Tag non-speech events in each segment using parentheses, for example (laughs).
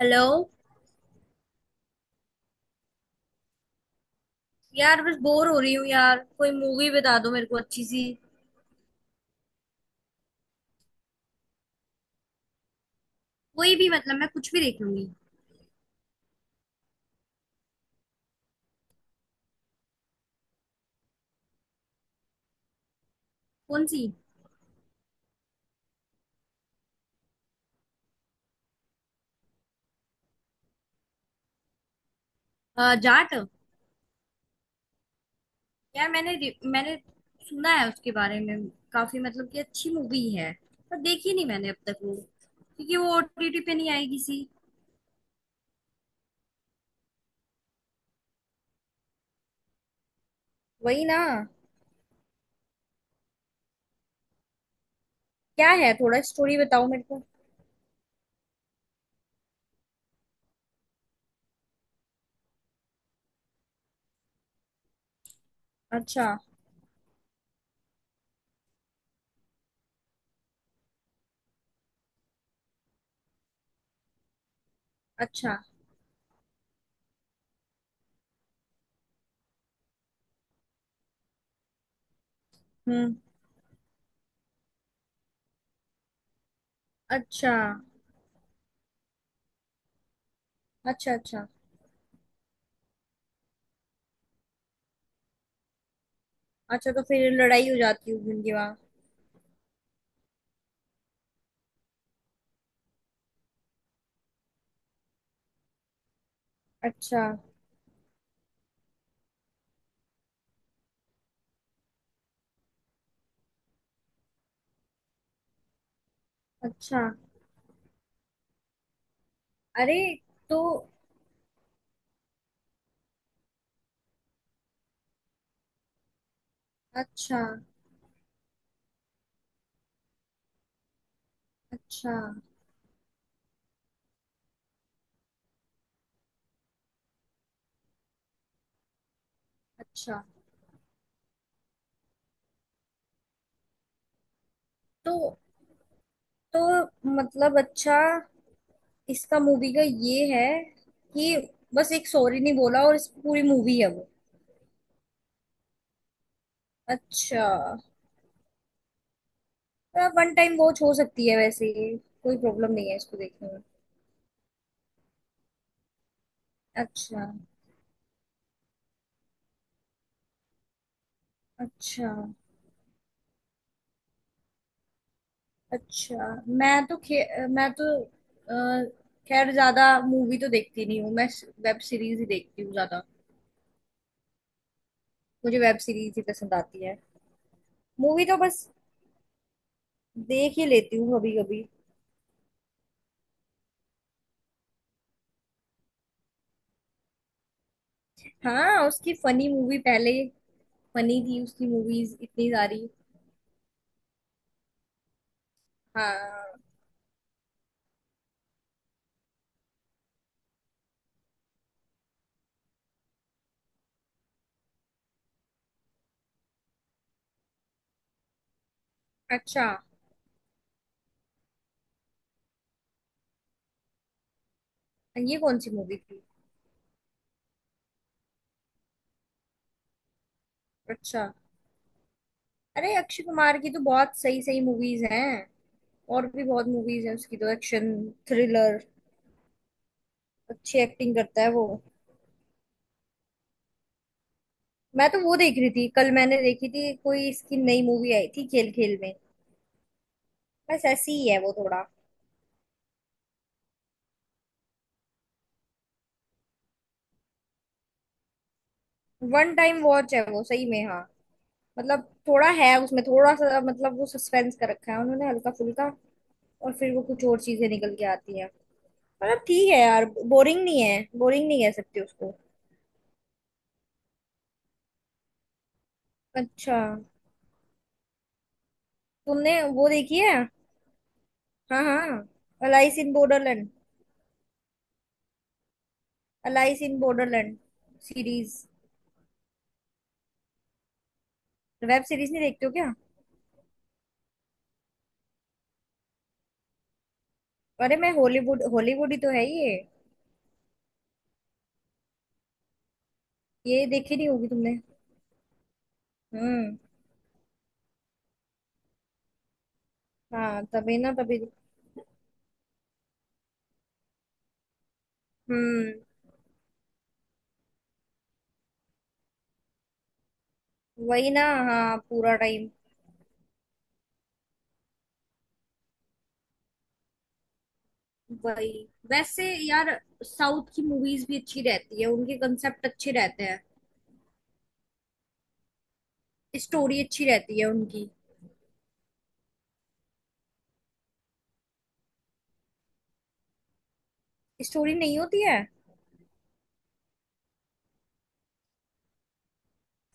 Hello. यार, बस bore हो रही हूँ यार। कोई मूवी बता दो मेरे को अच्छी सी। कोई भी, मतलब मैं कुछ भी देख लूंगी। कौन सी? जाट। यार, मैंने सुना है उसके बारे में काफी, मतलब कि अच्छी मूवी है। पर देखी नहीं मैंने अब तक वो, क्योंकि वो ओटीटी पे नहीं आएगी सी। वही ना। क्या है, थोड़ा स्टोरी बताओ मेरे को। अच्छा। अच्छा। हम्म। अच्छा। अच्छा। अच्छा। अच्छा, तो फिर लड़ाई हो जाती होगी उनके वहाँ। अच्छा। अच्छा। अरे, तो। अच्छा। अच्छा। अच्छा। तो तो मतलब, अच्छा। इसका मूवी का ये है कि बस एक सॉरी नहीं बोला और इस पूरी मूवी है वो। अच्छा। वन टाइम वॉच हो सकती है वैसे ये। कोई प्रॉब्लम नहीं है इसको देखने में। अच्छा। अच्छा। अच्छा। मैं तो खे, मैं तो अ, खैर, ज्यादा मूवी तो देखती नहीं हूँ मैं। वेब सीरीज ही देखती हूँ ज्यादा। मुझे वेब सीरीज ही पसंद आती है। मूवी तो बस देख ही लेती हूँ कभी कभी। हाँ, उसकी फनी मूवी पहले फनी थी, उसकी मूवीज इतनी सारी। हाँ। अच्छा, ये कौन सी मूवी थी? अच्छा। अरे, अक्षय कुमार की तो बहुत सही सही मूवीज हैं। और भी बहुत मूवीज हैं उसकी, तो एक्शन, थ्रिलर। अच्छी एक्टिंग करता है वो। मैं तो वो देख रही थी, कल मैंने देखी थी, कोई इसकी नई मूवी आई थी, खेल खेल में। बस ऐसी ही है वो, थोड़ा। वन टाइम वॉच है वो सही में, हाँ। मतलब थोड़ा है उसमें, थोड़ा सा मतलब, वो सस्पेंस कर रखा है उन्होंने हल्का फुल्का। और फिर वो कुछ और चीजें निकल के आती हैं। मतलब ठीक है यार, बोरिंग नहीं है, बोरिंग नहीं कह सकते उसको। अच्छा। तुमने वो देखी है? हाँ, हाँ। Alice in Borderland. Alice in Borderland series. Web series नहीं देखते हो क्या? अरे, मैं हॉलीवुड हॉलीवुड ही तो है ये। ये देखी नहीं होगी तुमने। हम्म। हाँ, तभी ना, तभी। हम्म। वही ना। हाँ, पूरा टाइम। वही। वैसे यार, साउथ की मूवीज भी अच्छी रहती है, उनके कंसेप्ट अच्छे रहते हैं। स्टोरी अच्छी रहती है उनकी। स्टोरी नहीं होती है?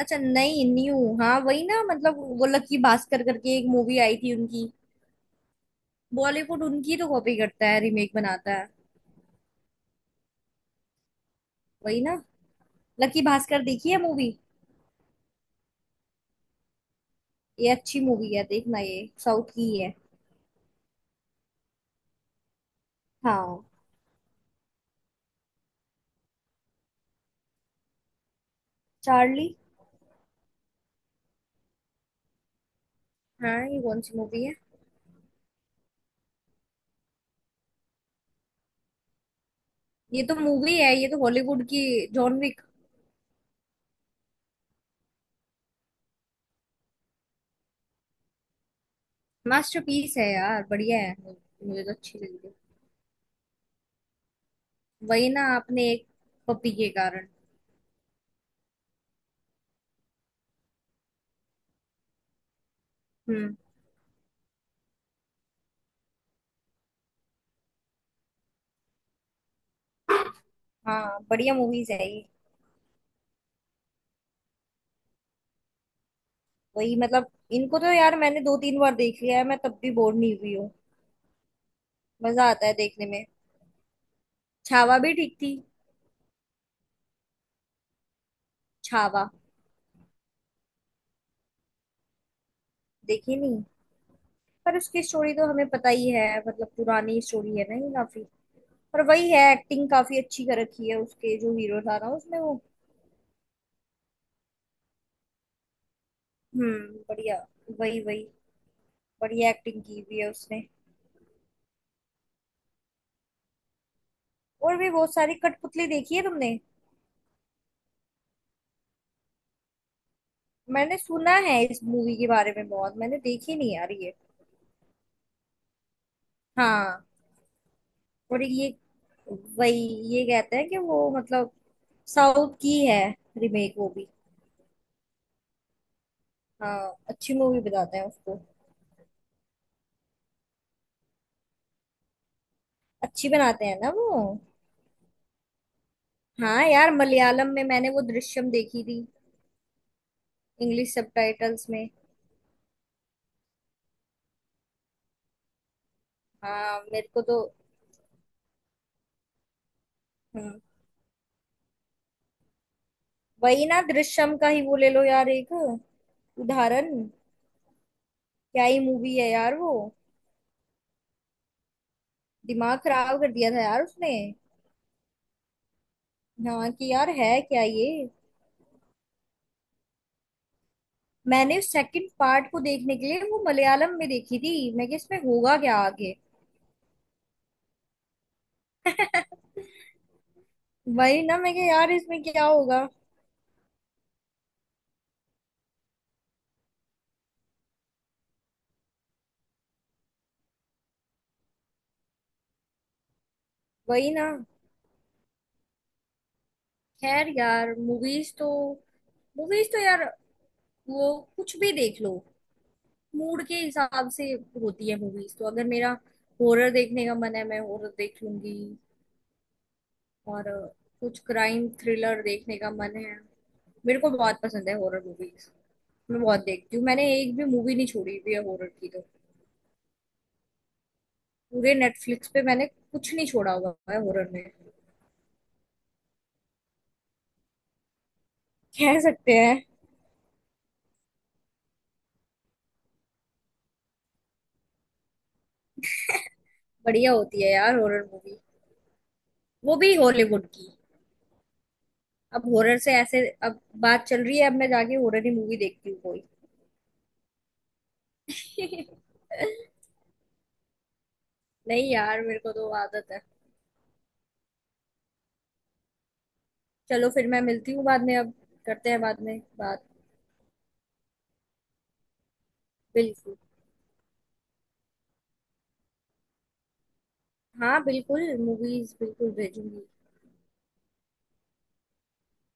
अच्छा, नहीं न्यू, हाँ वही ना, मतलब वो लकी भास्कर करके एक मूवी आई थी उनकी। बॉलीवुड उनकी तो कॉपी करता है, रीमेक बनाता है। वही ना। लकी भास्कर देखी है मूवी? ये अच्छी मूवी है, देखना, ये साउथ की ही है। हाँ। चार्ली? हाँ, ये कौन सी मूवी है? ये तो मूवी है, ये तो हॉलीवुड की, जॉन विक। मास्टरपीस है यार, बढ़िया है। मुझे तो अच्छी लगी। वही ना, आपने एक पपी के कारण। हम्म, हाँ, बढ़िया मूवीज है ये। वही मतलब, इनको तो यार मैंने दो तीन बार देख लिया है, मैं तब भी बोर नहीं हुई हूँ। मजा आता है देखने में। छावा भी ठीक थी। छावा। देखी नहीं? पर उसकी स्टोरी तो हमें पता ही है, मतलब पुरानी स्टोरी है ना ये काफी। पर वही है, एक्टिंग काफी अच्छी कर रखी है, उसके जो हीरो था ना उसने, वो। हम्म, बढ़िया। वही वही। बढ़िया एक्टिंग की हुई है उसने। और भी बहुत सारी। कठपुतली देखी है तुमने? मैंने सुना है इस मूवी के बारे में बहुत, मैंने देखी नहीं यार ये। हाँ। और ये, वही, ये कहते हैं कि वो मतलब साउथ की है, रीमेक वो भी। हाँ, अच्छी मूवी बताते हैं उसको। अच्छी बनाते हैं ना वो। हाँ यार, मलयालम में मैंने वो दृश्यम देखी थी। इंग्लिश सबटाइटल्स में। हाँ, मेरे को तो। हम्म। वही ना, दृश्यम का ही वो ले लो यार, एक उदाहरण। क्या ही मूवी है यार वो। दिमाग खराब कर दिया था यार उसने। हाँ कि यार है क्या ये। मैंने सेकंड पार्ट को देखने के लिए वो मलयालम में देखी थी मैं, कि इसमें होगा क्या आगे। वही ना, मैं कि यार इसमें क्या होगा। वही ना। खैर यार, मूवीज तो यार, वो कुछ भी देख लो। मूड के हिसाब से होती है मूवीज तो, अगर मेरा हॉरर देखने का मन है, मैं हॉरर देख लूंगी। और कुछ क्राइम थ्रिलर देखने का मन है। मेरे को बहुत पसंद है हॉरर मूवीज। मैं बहुत देखती हूँ, मैंने एक भी मूवी नहीं छोड़ी हुई है हॉरर की तो। पूरे नेटफ्लिक्स पे मैंने कुछ नहीं छोड़ा हुआ है हॉरर में। कह सकते हैं। बढ़िया होती है यार हॉरर मूवी, वो भी हॉलीवुड की। अब हॉरर से ऐसे, अब बात चल रही है, अब मैं जाके हॉरर ही मूवी देखती हूँ कोई। (laughs) नहीं यार, मेरे को तो आदत है। चलो फिर, मैं मिलती हूँ बाद में, अब करते हैं बाद में बात। बिल्कुल। हाँ बिल्कुल, मूवीज बिल्कुल भेजूंगी।